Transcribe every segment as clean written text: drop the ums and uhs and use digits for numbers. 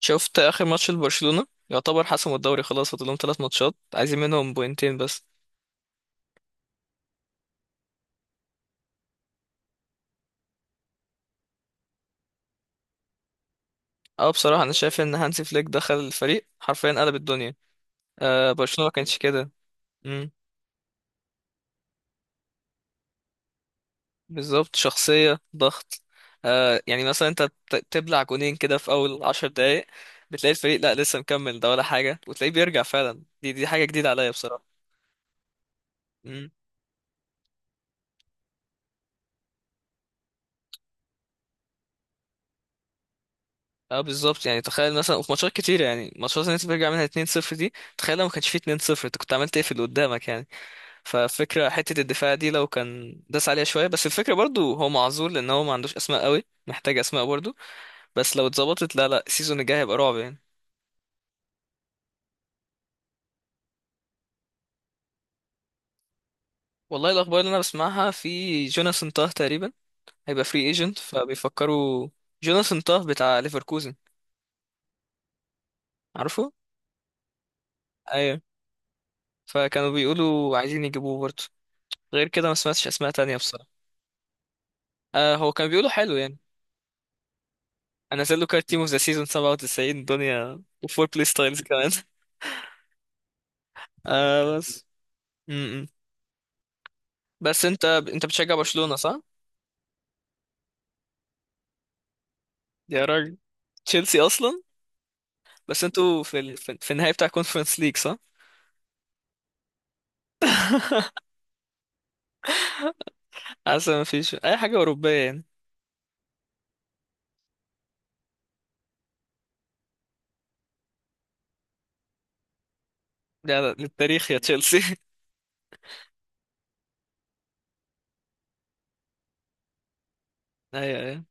شفت اخر ماتش لبرشلونة، يعتبر حسموا الدوري خلاص، فاضل لهم ثلاث ماتشات عايزين منهم بوينتين بس. اه بصراحة انا شايف ان هانسي فليك دخل الفريق حرفيا قلب الدنيا. آه برشلونة ما كانش كده. امم بالظبط، شخصية ضغط. آه يعني مثلا انت تبلع جونين كده في اول عشر دقايق، بتلاقي الفريق لا لسه مكمل ده ولا حاجة، وتلاقيه بيرجع، فعلا دي حاجة جديدة عليا بصراحة. امم. اه بالظبط، يعني تخيل مثلا، وفي ماتشات كتيرة يعني، ماتشات اللي انت بترجع منها 2-0 دي، تخيل لو ما كانش فيه 2-0 انت كنت عملت ايه في اللي قدامك يعني. ففكرة حتة الدفاع دي لو كان داس عليها شوية بس، الفكرة برضو هو معذور لأن هو ما عندوش أسماء قوي، محتاج أسماء برضو. بس لو اتظبطت، لا لا، السيزون الجاي هيبقى رعب يعني. والله الأخبار اللي أنا بسمعها في جوناثان تاه تقريبا، هيبقى فري ايجنت فبيفكروا. جوناثان تاه بتاع ليفركوزن. عارفه؟ أيوه. فكانوا بيقولوا عايزين يجيبوه برضو، غير كده ما سمعتش أسماء تانية بصراحة. آه هو كان بيقولوا حلو يعني. أنا نزل له كارت تيم اوف ذا سيزون 97 دنيا، وفور بلاي ستايلز كمان. آه بس. م- م. بس انت بتشجع برشلونة صح؟ يا راجل، تشيلسي اصلا؟ بس انتوا في في النهاية بتاع كونفرنس ليج صح؟ حاسس ما فيش اي حاجة اوروبية يعني. لا لا، للتاريخ يا تشيلسي. ايوه ايوه.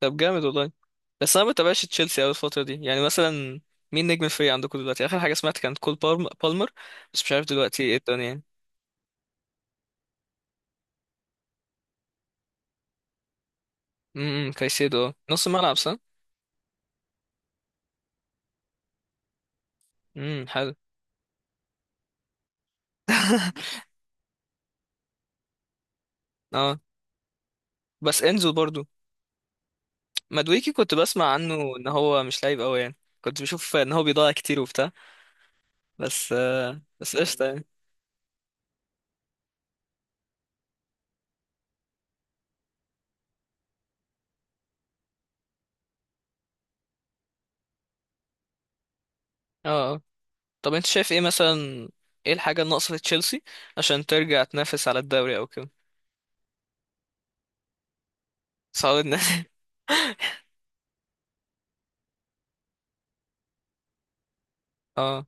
طب جامد والله. بس انا ما بتابعش تشيلسي اوي الفترة دي، يعني مثلا مين نجم الفريق عندكم دلوقتي؟ اخر حاجة سمعت كانت كول بالمر، بس مش عارف دلوقتي ايه الدنيا يعني. امم، كايسيدو؟ اه، نص ملعب صح؟ امم، حلو. اه، بس انزو برضو. مدويكي كنت بسمع عنه ان هو مش لعيب قوي يعني، كنت بشوف ان هو بيضيع كتير وبتاع، بس آه، بس قشطه يعني. اه آه. طب انت شايف ايه مثلا، ايه الحاجه الناقصه في تشيلسي عشان ترجع تنافس على الدوري او كده؟ صعب ان اه.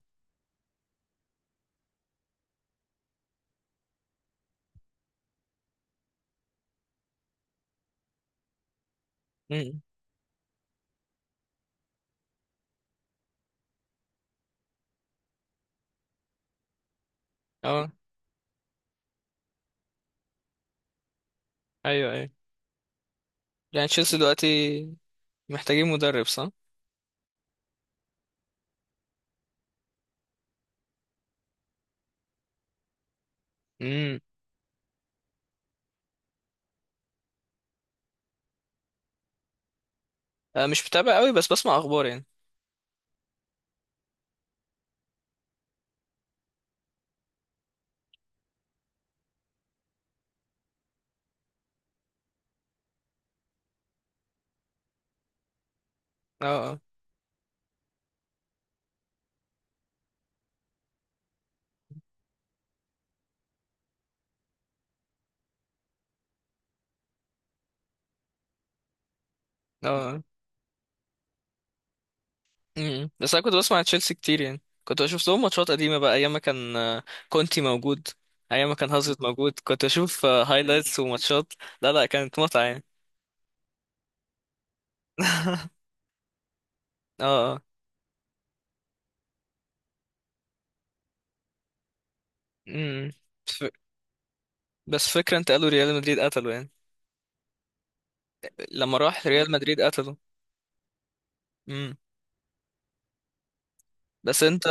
امم. اه. ايوه ايوه، يعني تشيلسي دلوقتي محتاجين مدرب صح؟ امم. آه، مش متابع قوي بس بسمع اخبار يعني. اه اه. اه. مم. بس انا كنت بسمع تشيلسي كتير، يعني كنت بشوف لهم ماتشات قديمه بقى، ايام ما كان آه، كونتي موجود، ايام ما كان هازارد موجود، كنت اشوف هايلايتس وماتشات. لا لا، كانت متعه يعني. اه اه. مم. ف- بس فكرة انت قالوا ريال مدريد قتله يعني، لما راح ريال مدريد قتله. مم. بس انت،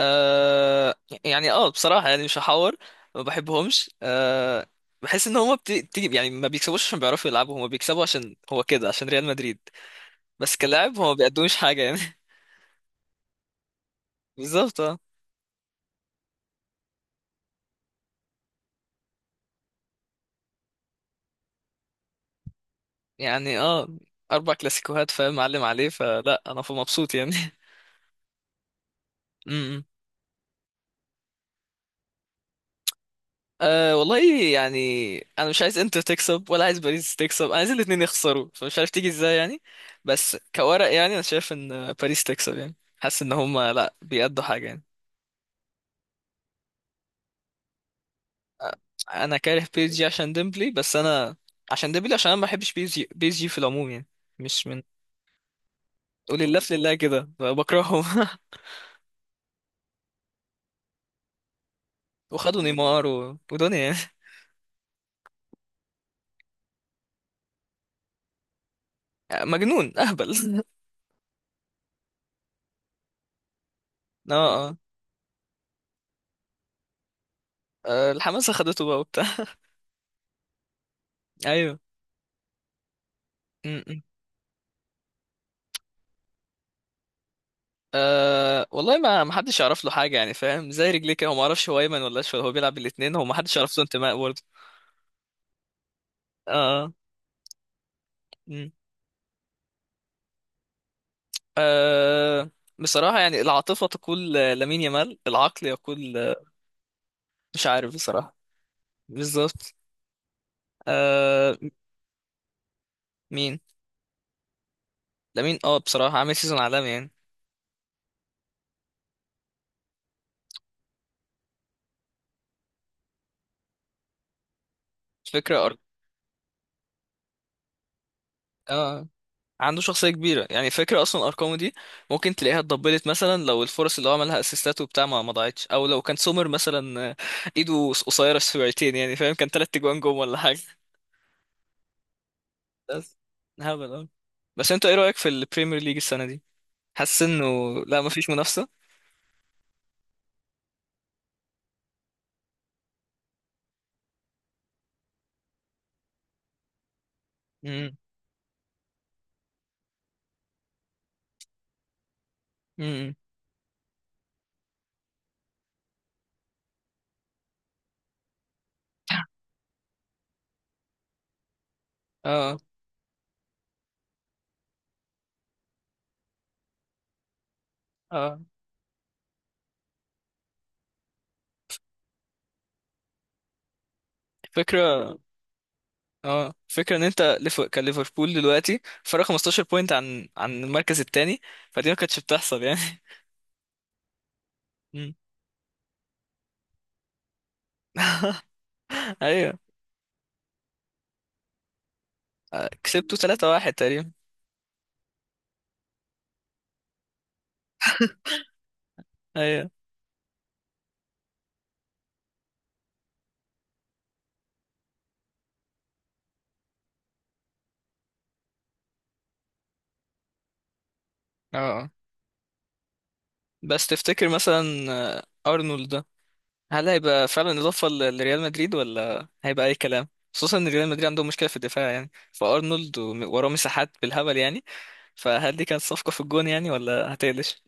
آه. يعني اه بصراحة، يعني مش هحور، ما بحبهمش آه. بحس ان هما بتيجي يعني ما بيكسبوش عشان بيعرفوا يلعبوا، هما بيكسبوا عشان هو كده، عشان ريال مدريد، بس كلاعب هما ما بيقدموش حاجة يعني. بالظبط اه. يعني اه اربع كلاسيكوهات، فاهم معلم عليه، فلا انا مبسوط يعني. امم. أه والله يعني، انا مش عايز انتر تكسب ولا عايز باريس تكسب، انا عايز الاتنين يخسروا، فمش عارف تيجي ازاي يعني. بس كورق يعني، انا شايف ان باريس تكسب يعني، حاسس ان هما لا بيأدوا حاجة يعني. آه، انا كاره بي اس جي عشان ديمبلي، بس انا عشان ديمبلي، عشان انا ما بحبش بي اس جي، بي اس جي في العموم يعني، مش من. ولله في لله كده بكرههم. وخدوا نيمار ودنيا يعني. آه، مجنون اهبل. اه اه. آه، الحماسة خدته بقى وبتاع. ايوه. م- م. أه والله، ما حدش يعرف له حاجة يعني، فاهم زي رجليك، هو ما اعرفش هو ايمن ولا اشول، هو بيلعب الاثنين، هو ما حدش يعرف له انتماء برضه. اه. م. أه بصراحة يعني، العاطفة تقول آه، لامين يامال، العقل يقول آه، مش عارف بصراحة. بالظبط. أه. مين؟ لامين، اه بصراحة عامل سيزون عالمي يعني. الفكرة اه، عنده شخصية كبيرة يعني، فكرة أصلا أرقامه دي ممكن تلاقيها اتضبلت، مثلا لو الفرص اللي هو عملها أسيستات وبتاع ما ضاعتش، أو لو كان سومر مثلا آه، إيده قصيرة شويتين يعني، فاهم كان تلات تجوان جم ولا حاجة. بس. هبل أوي. بس أنت إيه رأيك في البريمير ليج السنة دي؟ حاسس إنه، لا مفيش منافسة؟ امم. امم. اه اه. فكرة. اه فكرة ان انت كان ليفربول دلوقتي فرق 15 بوينت عن المركز التاني، فدي ما كانتش بتحصل يعني. مم. ايوه. آه، كسبتوا 3-1 تقريبا. ايوه. اه. بس تفتكر مثلا آه، ارنولد ده هل هيبقى فعلا اضافه لريال مدريد ولا هيبقى اي كلام؟ خصوصا ان ريال مدريد عندهم مشكله في الدفاع يعني، فارنولد وراه مساحات بالهبل يعني، فهل دي كانت صفقه في الجون يعني ولا هتقلش؟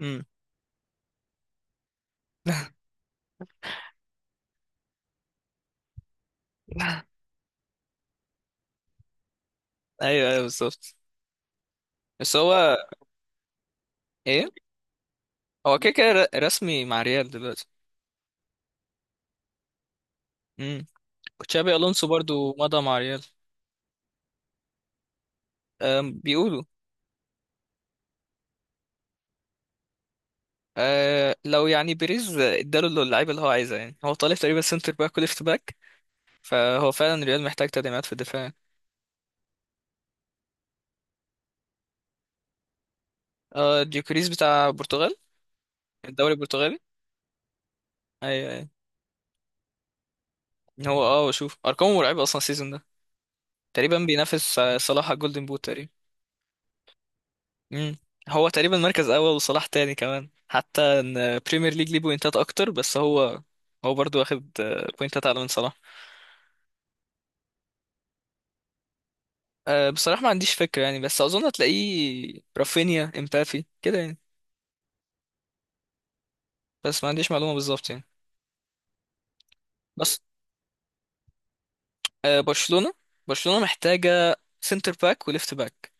امم. ايوه ايوه بالظبط. بس هو، ايه، هو كده كده رسمي مع ريال دلوقتي. امم. تشابي الونسو برضو مضى مع ريال. أم، بيقولوا. أه لو يعني بيريز اداله اللعيبه اللي هو عايزها يعني، هو طالب تقريبا سنتر باك وليفت باك، فهو فعلا الريال محتاج تدعيمات في الدفاع. اه، ديوكريس بتاع البرتغال، الدوري البرتغالي. ايوه ايوه. هو اه شوف ارقامه مرعبه اصلا السيزون ده، تقريبا بينافس آه، صلاح على الجولدن بوت تقريبا. امم. هو تقريبا مركز اول وصلاح تاني، كمان حتى ان بريمير ليج ليه بوينتات اكتر، بس هو، هو برضو واخد آه، بوينتات اعلى من صلاح. أه بصراحه ما عنديش فكره يعني، بس اظن هتلاقيه رافينيا امبافي كده يعني، بس ما عنديش معلومه بالظبط يعني. بس. أه برشلونه، برشلونه محتاجه سنتر باك وليفت باك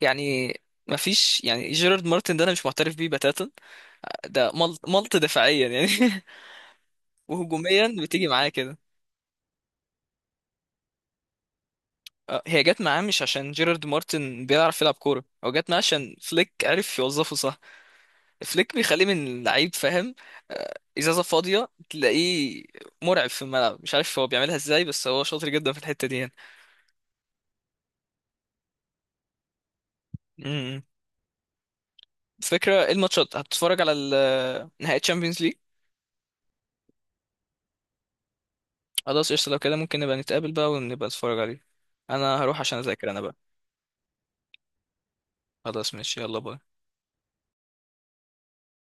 يعني. ما فيش يعني، جيرارد مارتن ده انا مش معترف بيه بتاتا، ده ملط, ملط دفاعيا يعني. وهجوميا بتيجي معاه كده. آه، هي جت معاه مش عشان جيرارد مارتن بيعرف يلعب كوره، هو جت معاه عشان فليك عرف يوظفه صح، فليك بيخليه من لعيب فاهم، آه، ازازه فاضيه تلاقيه مرعب في الملعب، مش عارف هو بيعملها ازاي، بس هو شاطر جدا في الحته دي يعني. امم. فكره إيه الماتشات، هتتفرج على نهائي تشامبيونز ليج؟ خلاص قشطه، لو كده ممكن نبقى نتقابل بقى ونبقى نتفرج عليه. انا هروح عشان اذاكر انا بقى. خلاص ماشي يلا باي.